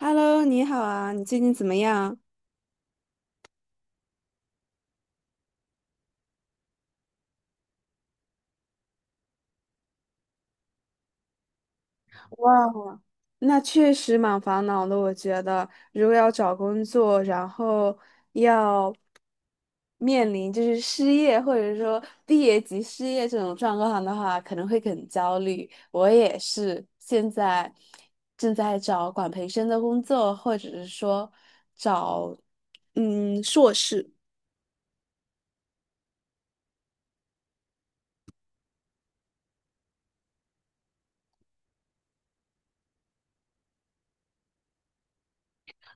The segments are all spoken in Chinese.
Hello，你好啊，你最近怎么样？哇，那确实蛮烦恼的，我觉得如果要找工作，然后要面临就是失业或者说毕业即失业这种状况的话，可能会很焦虑。我也是，现在正在找管培生的工作，或者是说找硕士。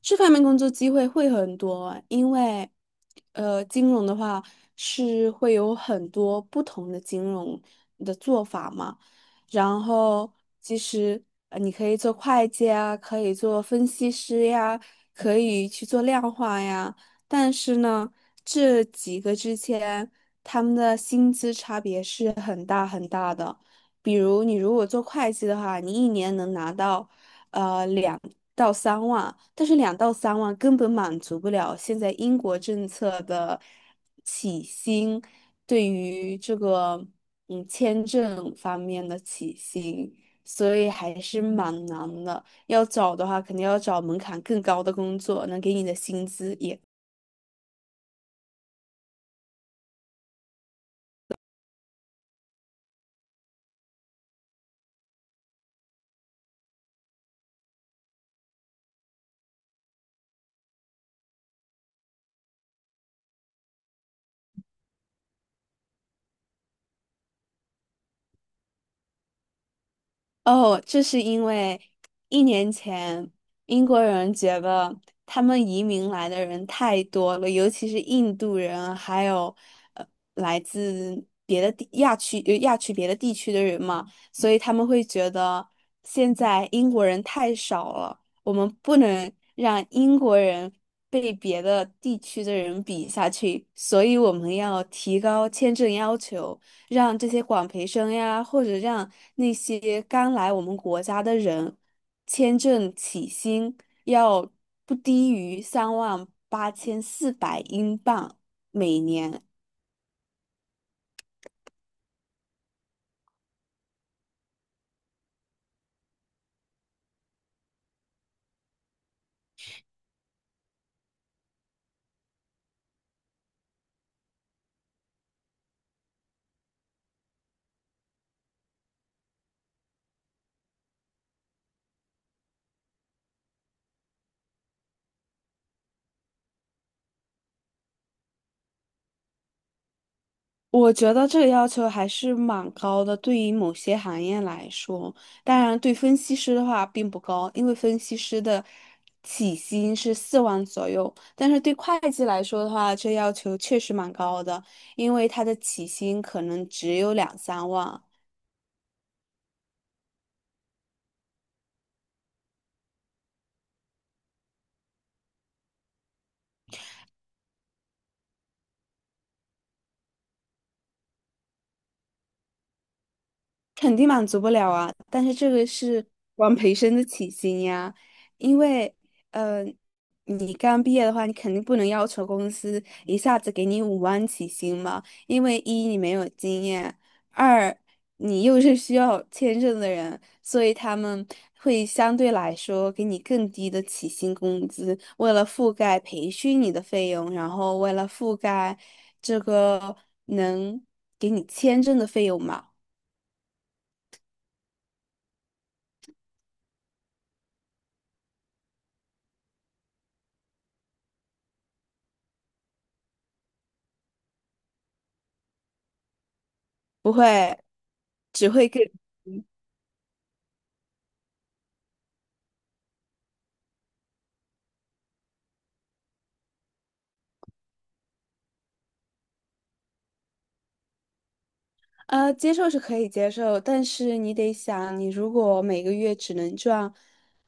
这方面工作机会会很多，因为，金融的话是会有很多不同的金融的做法嘛。然后，其实你可以做会计啊，可以做分析师呀，可以去做量化呀。但是呢，这几个之间他们的薪资差别是。很。比如你如果做会计的话，你一年能拿到两到三万，但是两到三万根本满足不了现在英国政策的起薪对于这个签证方面的起薪，所以还是蛮难的。要找的话，肯定要找门槛更高的工作，能给你的薪资也。哦，这是因为一年前英国人觉得他们移民来的人太多了，尤其是印度人，还有呃来自别的地亚区呃亚区别的地区的人嘛，所以他们会觉得现在英国人太少了，我们不能让英国人被别的地区的人比下去，所以我们要提高签证要求。让这些广培生呀，或者让那些刚来我们国家的人，签证起薪要不低于三万八千四百英镑每年。我觉得这个要求还是蛮高的，对于某些行业来说，当然对分析师的话并不高，因为分析师的起薪是四万左右，但是对会计来说的话，这要求确实蛮高的，因为他的起薪可能只有两三万。肯定满足不了啊，但是这个是管培生的起薪呀，因为，呃，你刚毕业的话，你肯定不能要求公司一下子给你五万起薪嘛，因为一你没有经验，二你又是需要签证的人，所以他们会相对来说给你更低的起薪工资，为了覆盖培训你的费用，然后为了覆盖这个能给你签证的费用嘛。不会，只会更接受是可以接受，但是你得想，你如果每个月只能赚，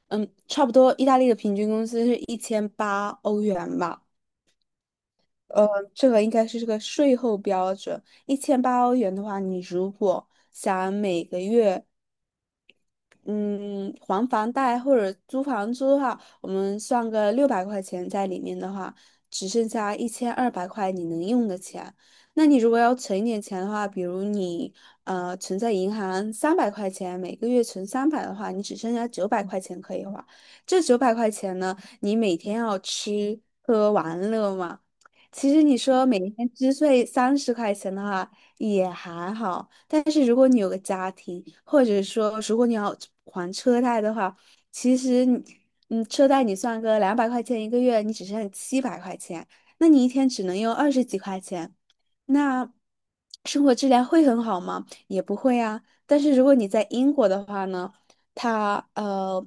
嗯，差不多意大利的平均工资是一千八欧元吧，呃，这个应该是这个税后标准，一千八欧元的话，你如果想每个月嗯，还房贷或者租房租的话，我们算个六百块钱在里面的话，只剩下一千二百块你能用的钱。那你如果要存一点钱的话，比如你存在银行三百块钱，每个月存三百的话，你只剩下九百块钱可以花。这九百块钱呢，你每天要吃喝玩乐嘛，其实你说每天支税三十块钱的话也还好，但是如果你有个家庭，或者说如果你要还车贷的话，其实你，嗯，车贷你算个两百块钱一个月，你只剩七百块钱，那你一天只能用二十几块钱，那生活质量会很好吗？也不会啊。但是如果你在英国的话呢，它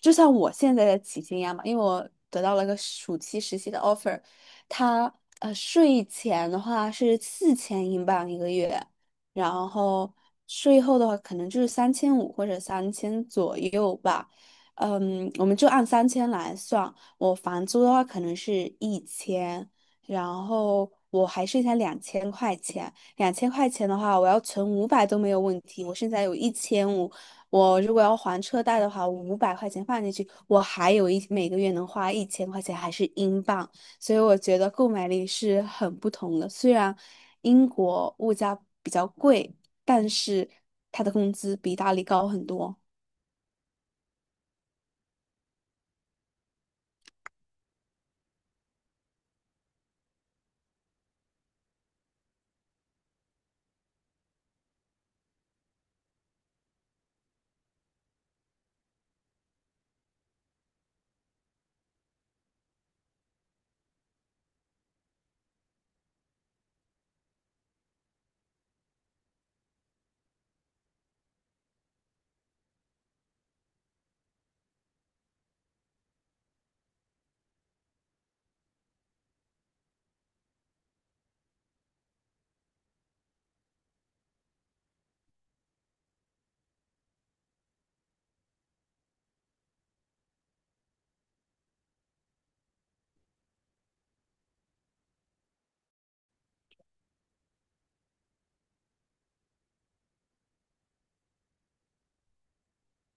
就像我现在的起薪一样嘛，因为我得到了个暑期实习的 offer。他税前的话是四千英镑一个月，然后税后的话可能就是三千五或者三千左右吧。嗯，我们就按三千来算。我房租的话可能是一千，然后我还剩下两千块钱。两千块钱的话，我要存五百都没有问题。我现在有一千五，我如果要还车贷的话，五百块钱放进去，我还有每个月能花一千块钱，还是英镑。所以我觉得购买力是很不同的。虽然英国物价比较贵，但是他的工资比意大理高很多。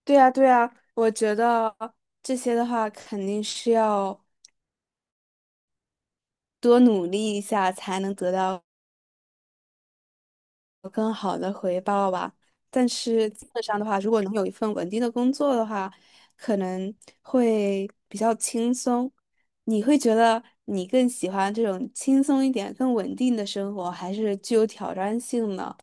对呀，对呀，我觉得这些的话肯定是要多努力一下才能得到。但是基本上的话，如果能有一份稳定的工作的话，可能会比较轻松。你会觉得你更喜欢这种轻松一点、更稳定的生活，还是具有挑战性呢？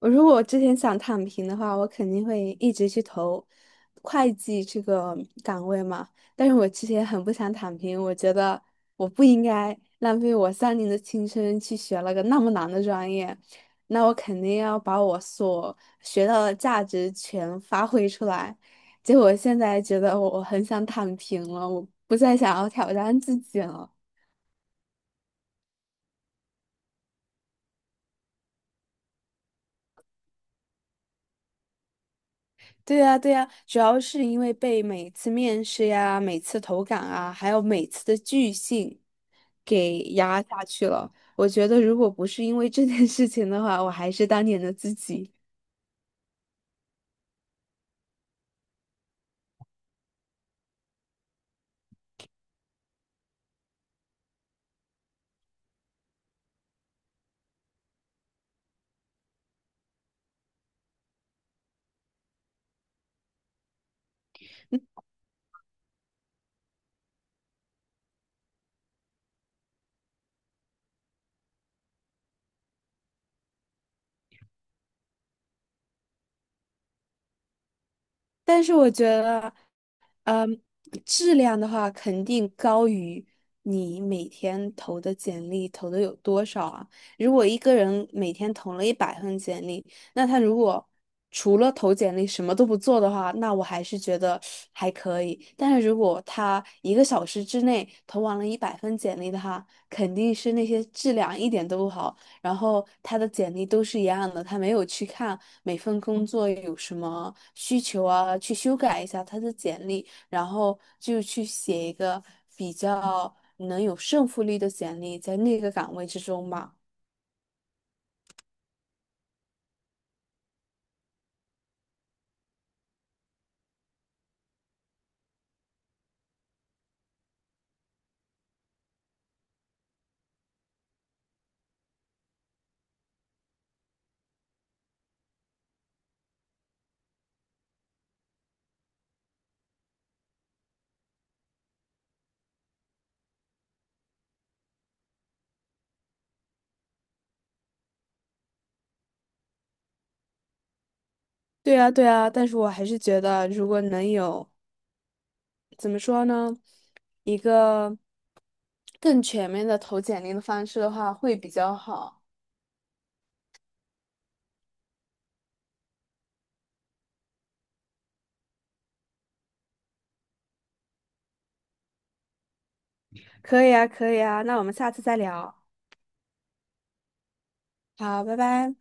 我如果我之前想躺平的话，我肯定会一直去投会计这个岗位嘛。但是我之前很不想躺平，我觉得我不应该浪费我三年的青春去学了个那么难的专业，那我肯定要把我所学到的价值全发挥出来。结果现在觉得我很想躺平了，我不再想要挑战自己了。对呀，对呀，主要是因为被每次面试呀、每次投稿啊，还有每次的拒信给压下去了。我觉得如果不是因为这件事情的话，我还是当年的自己。但是我觉得。嗯，质量的话肯定高于你每天投的简历投的有多少啊？如果一个人每天投了一百份简历，那他如果除了投简历什么都不做的话，那我还是觉得还可以。但是如果他一个小时之内投完了一百份简历的话，肯定是那些质量一点都不好，然后他的简历都是一样的，他没有去看每份工作有什么需求啊，去修改一下他的简历。然后就去写一个比较能有胜负力的简历，在那个岗位之中吧。对啊，对啊，但是我还是觉得，如果能有，怎么说呢，一个，更全面的投简历的方式的话，会比较好。可以啊，可以啊，那我们下次再聊，好，拜拜。